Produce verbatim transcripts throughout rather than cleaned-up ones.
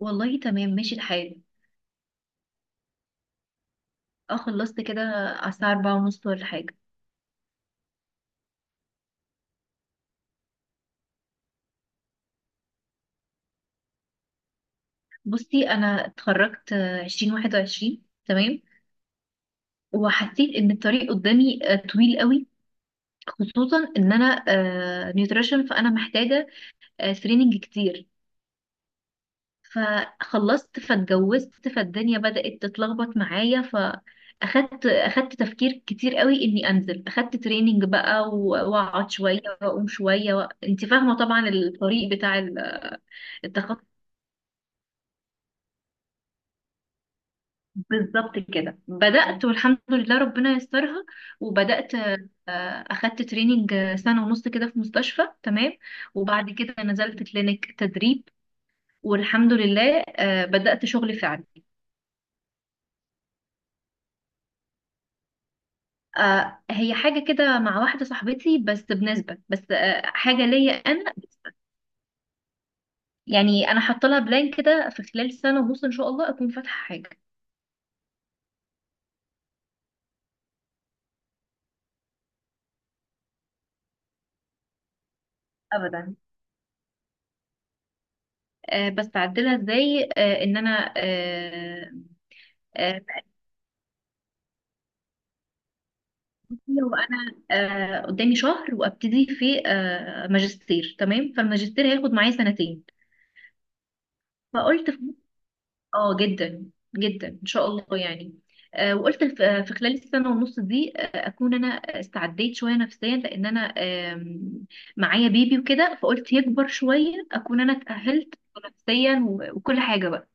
والله تمام ماشي الحال. اه، خلصت كده على الساعة أربعة ونص ولا حاجة. بصي أنا اتخرجت عشرين واحد وعشرين، تمام. وحسيت إن الطريق قدامي آه، طويل قوي، خصوصا إن أنا نيوتريشن، فأنا محتاجة تريننج كتير. فخلصت، فاتجوزت، فالدنيا بدأت تتلخبط معايا، فأخدت أخدت تفكير كتير قوي إني أنزل أخدت تريننج بقى، و- وأقعد شوية وأقوم شوية و... أنت فاهمة طبعا الطريق بتاع ال... التخصص. بالظبط كده بدأت، والحمد لله ربنا يسترها. وبدأت، آه، أخدت تريننج سنة ونص كده في مستشفى، تمام. وبعد كده نزلت كلينيك تدريب، والحمد لله آه، بدأت شغل فعلي. آه، هي حاجة كده مع واحدة صاحبتي، بس بنسبة، بس آه، حاجة ليا أنا. يعني أنا حاطة لها بلان كده في خلال سنة ونص، إن شاء الله أكون فاتحة حاجة. أبدا. آه، بس أعدلها إزاي؟ آه، إن أنا آه، آه، لو انا آه، قدامي شهر وابتدي في آه، ماجستير، تمام. فالماجستير هياخد معايا سنتين. فقلت في... اه، جدا جدا ان شاء الله يعني. آه، وقلت ف- في خلال السنه ونص دي آه، اكون انا استعديت شويه نفسيا، لان انا آم، معايا بيبي وكده. فقلت يكبر شويه اكون انا اتاهلت نفسيا و- وكل حاجه بقى.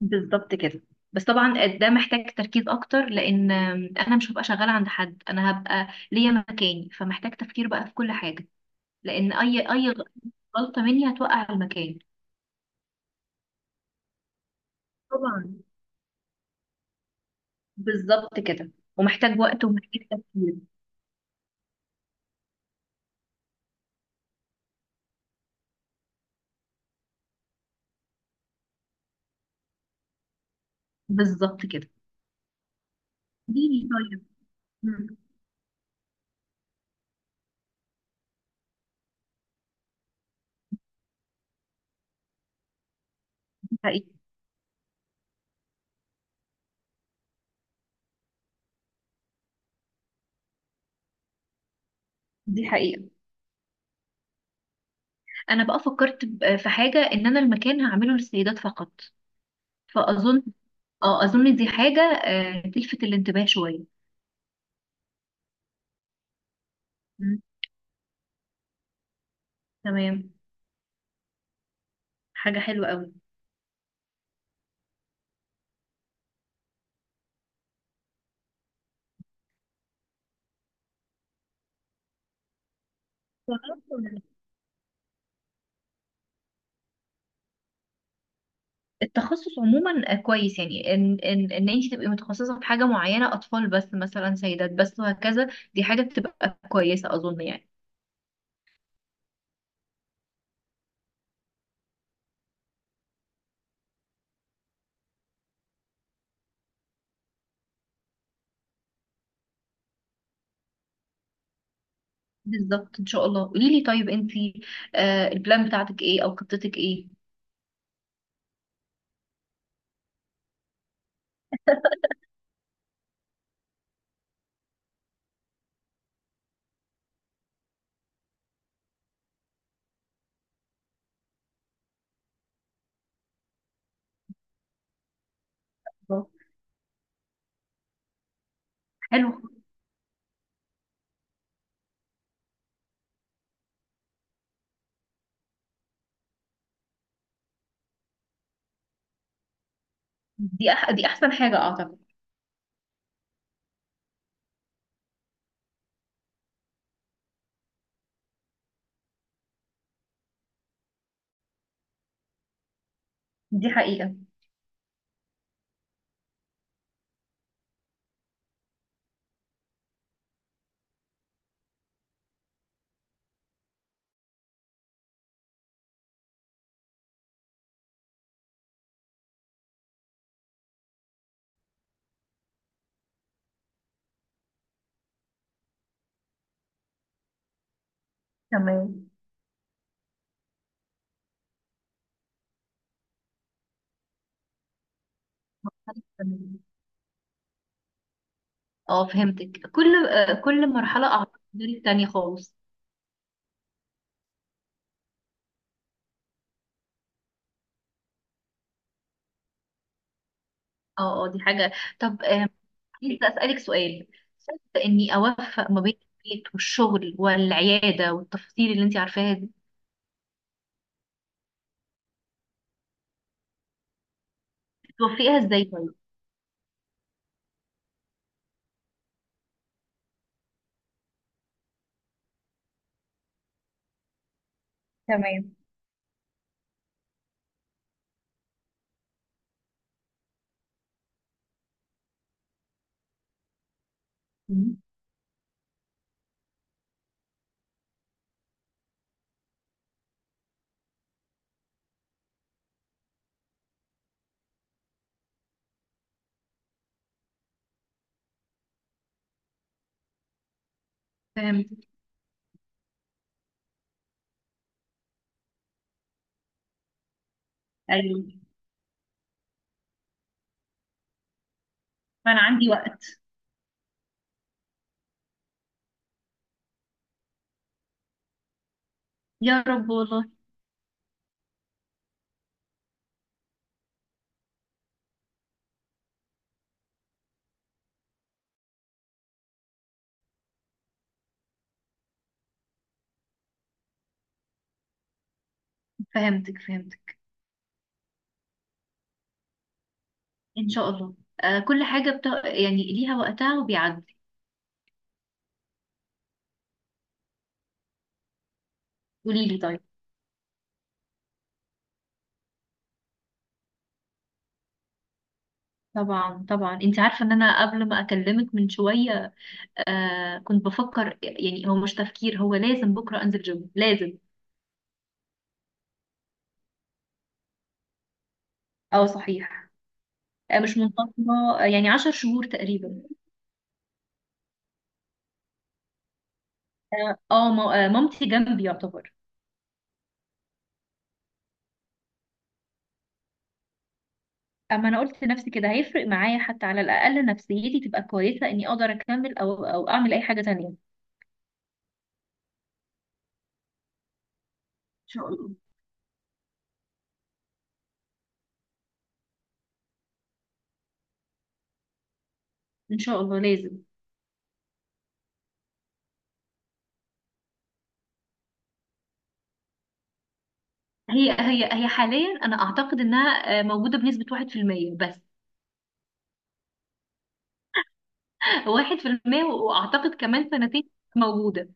بالظبط كده. بس طبعا ده محتاج تركيز اكتر، لان انا مش هبقى شغاله عند حد، انا هبقى ليا مكاني. فمحتاج تفكير بقى في كل حاجه، لان اي اي غلطه مني هتوقع المكان. طبعا، بالظبط كده، ومحتاج وقت ومحتاج تفكير. بالظبط كده. دي طيب. مم. دي حقيقة. دي حقيقة. أنا بقى فكرت، ب- في حاجة، إن أنا المكان هعمله للسيدات فقط. فأظن اه أظن دي حاجة آه، تلفت الانتباه شوية. مم. تمام. حاجة حلوة أوي. التخصص عموما كويس، يعني ان ان ان انت تبقي متخصصه في حاجه معينه، اطفال بس مثلا، سيدات بس، وهكذا. دي حاجه بتبقى كويسه اظن يعني. بالظبط، ان شاء الله. قولي لي طيب، انت آه البلان بتاعتك ايه، او خطتك ايه؟ بالظبط. حلو. دي أح دي احسن حاجه اعتقد. دي حقيقه. تمام. تمام. اه، فهمتك. كل آه كل مرحله اعتقد غير التانيه خالص. اه، اه، دي حاجه. طب، آه عايزة أسألك سؤال. شايفة إني أوفق ما بين البيت والشغل والعيادة والتفاصيل اللي أنت عارفاها دي، توفقيها إزاي طيب؟ تمام. مم. فهمت. ايوه. فانا عندي وقت. يا رب والله. فهمتك فهمتك. إن شاء الله. آه كل حاجة بتا... يعني ليها وقتها وبيعدي. قولي لي طيب. طبعا طبعا، انت عارفه ان انا قبل ما اكلمك من شويه آه كنت بفكر، يعني هو مش تفكير، هو لازم بكره انزل جيم، لازم. اه، صحيح. آه، مش منفصلة، آه، يعني عشر شهور تقريبا. اه، آه، ما- آه، مامتي جنبي يعتبر. اما انا قلت لنفسي كده، هيفرق معايا حتى على الاقل نفسيتي تبقى كويسة، اني اقدر اكمل او او اعمل اي حاجة تانية، إن شاء الله. ان شاء الله، لازم. هي هي هي حاليا انا اعتقد انها آه، موجودة بنسبة واحد في المية بس. واحد في المية واعتقد كمان سنتين موجودة.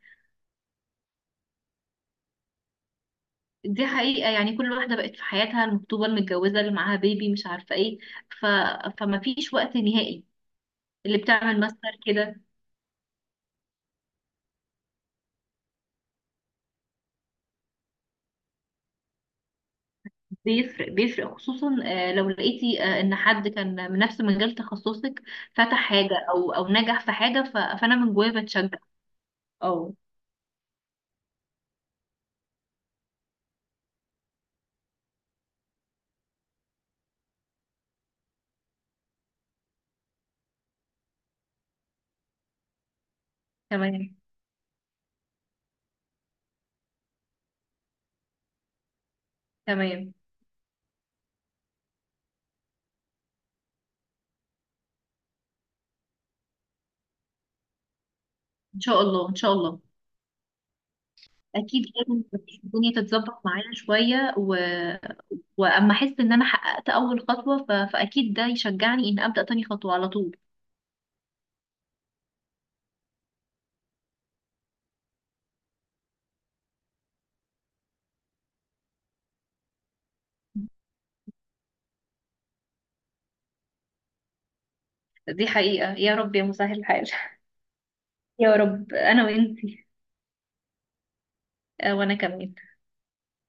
دي حقيقة، يعني كل واحدة بقت في حياتها، المخطوبة، المتجوزة اللي معاها بيبي، مش عارفة ايه. ف... فما فيش وقت نهائي اللي بتعمل ماستر كده. بيفرق بيفرق، خصوصا آه، لو لقيتي آه، ان حد كان من نفس مجال تخصصك فتح حاجة او او نجح في حاجة، ف- فانا من جوايا بتشجع. اه. تمام تمام، ان شاء الله ان شاء الله، اكيد لازم. الدنيا تتظبط معايا شوية و... واما احس ان انا حققت اول خطوة، ف... فاكيد ده يشجعني ان ابدأ تاني خطوة على طول. دي حقيقة، يا رب يا مسهل الحال. يا رب انا وانتي. آه، وانا كمان.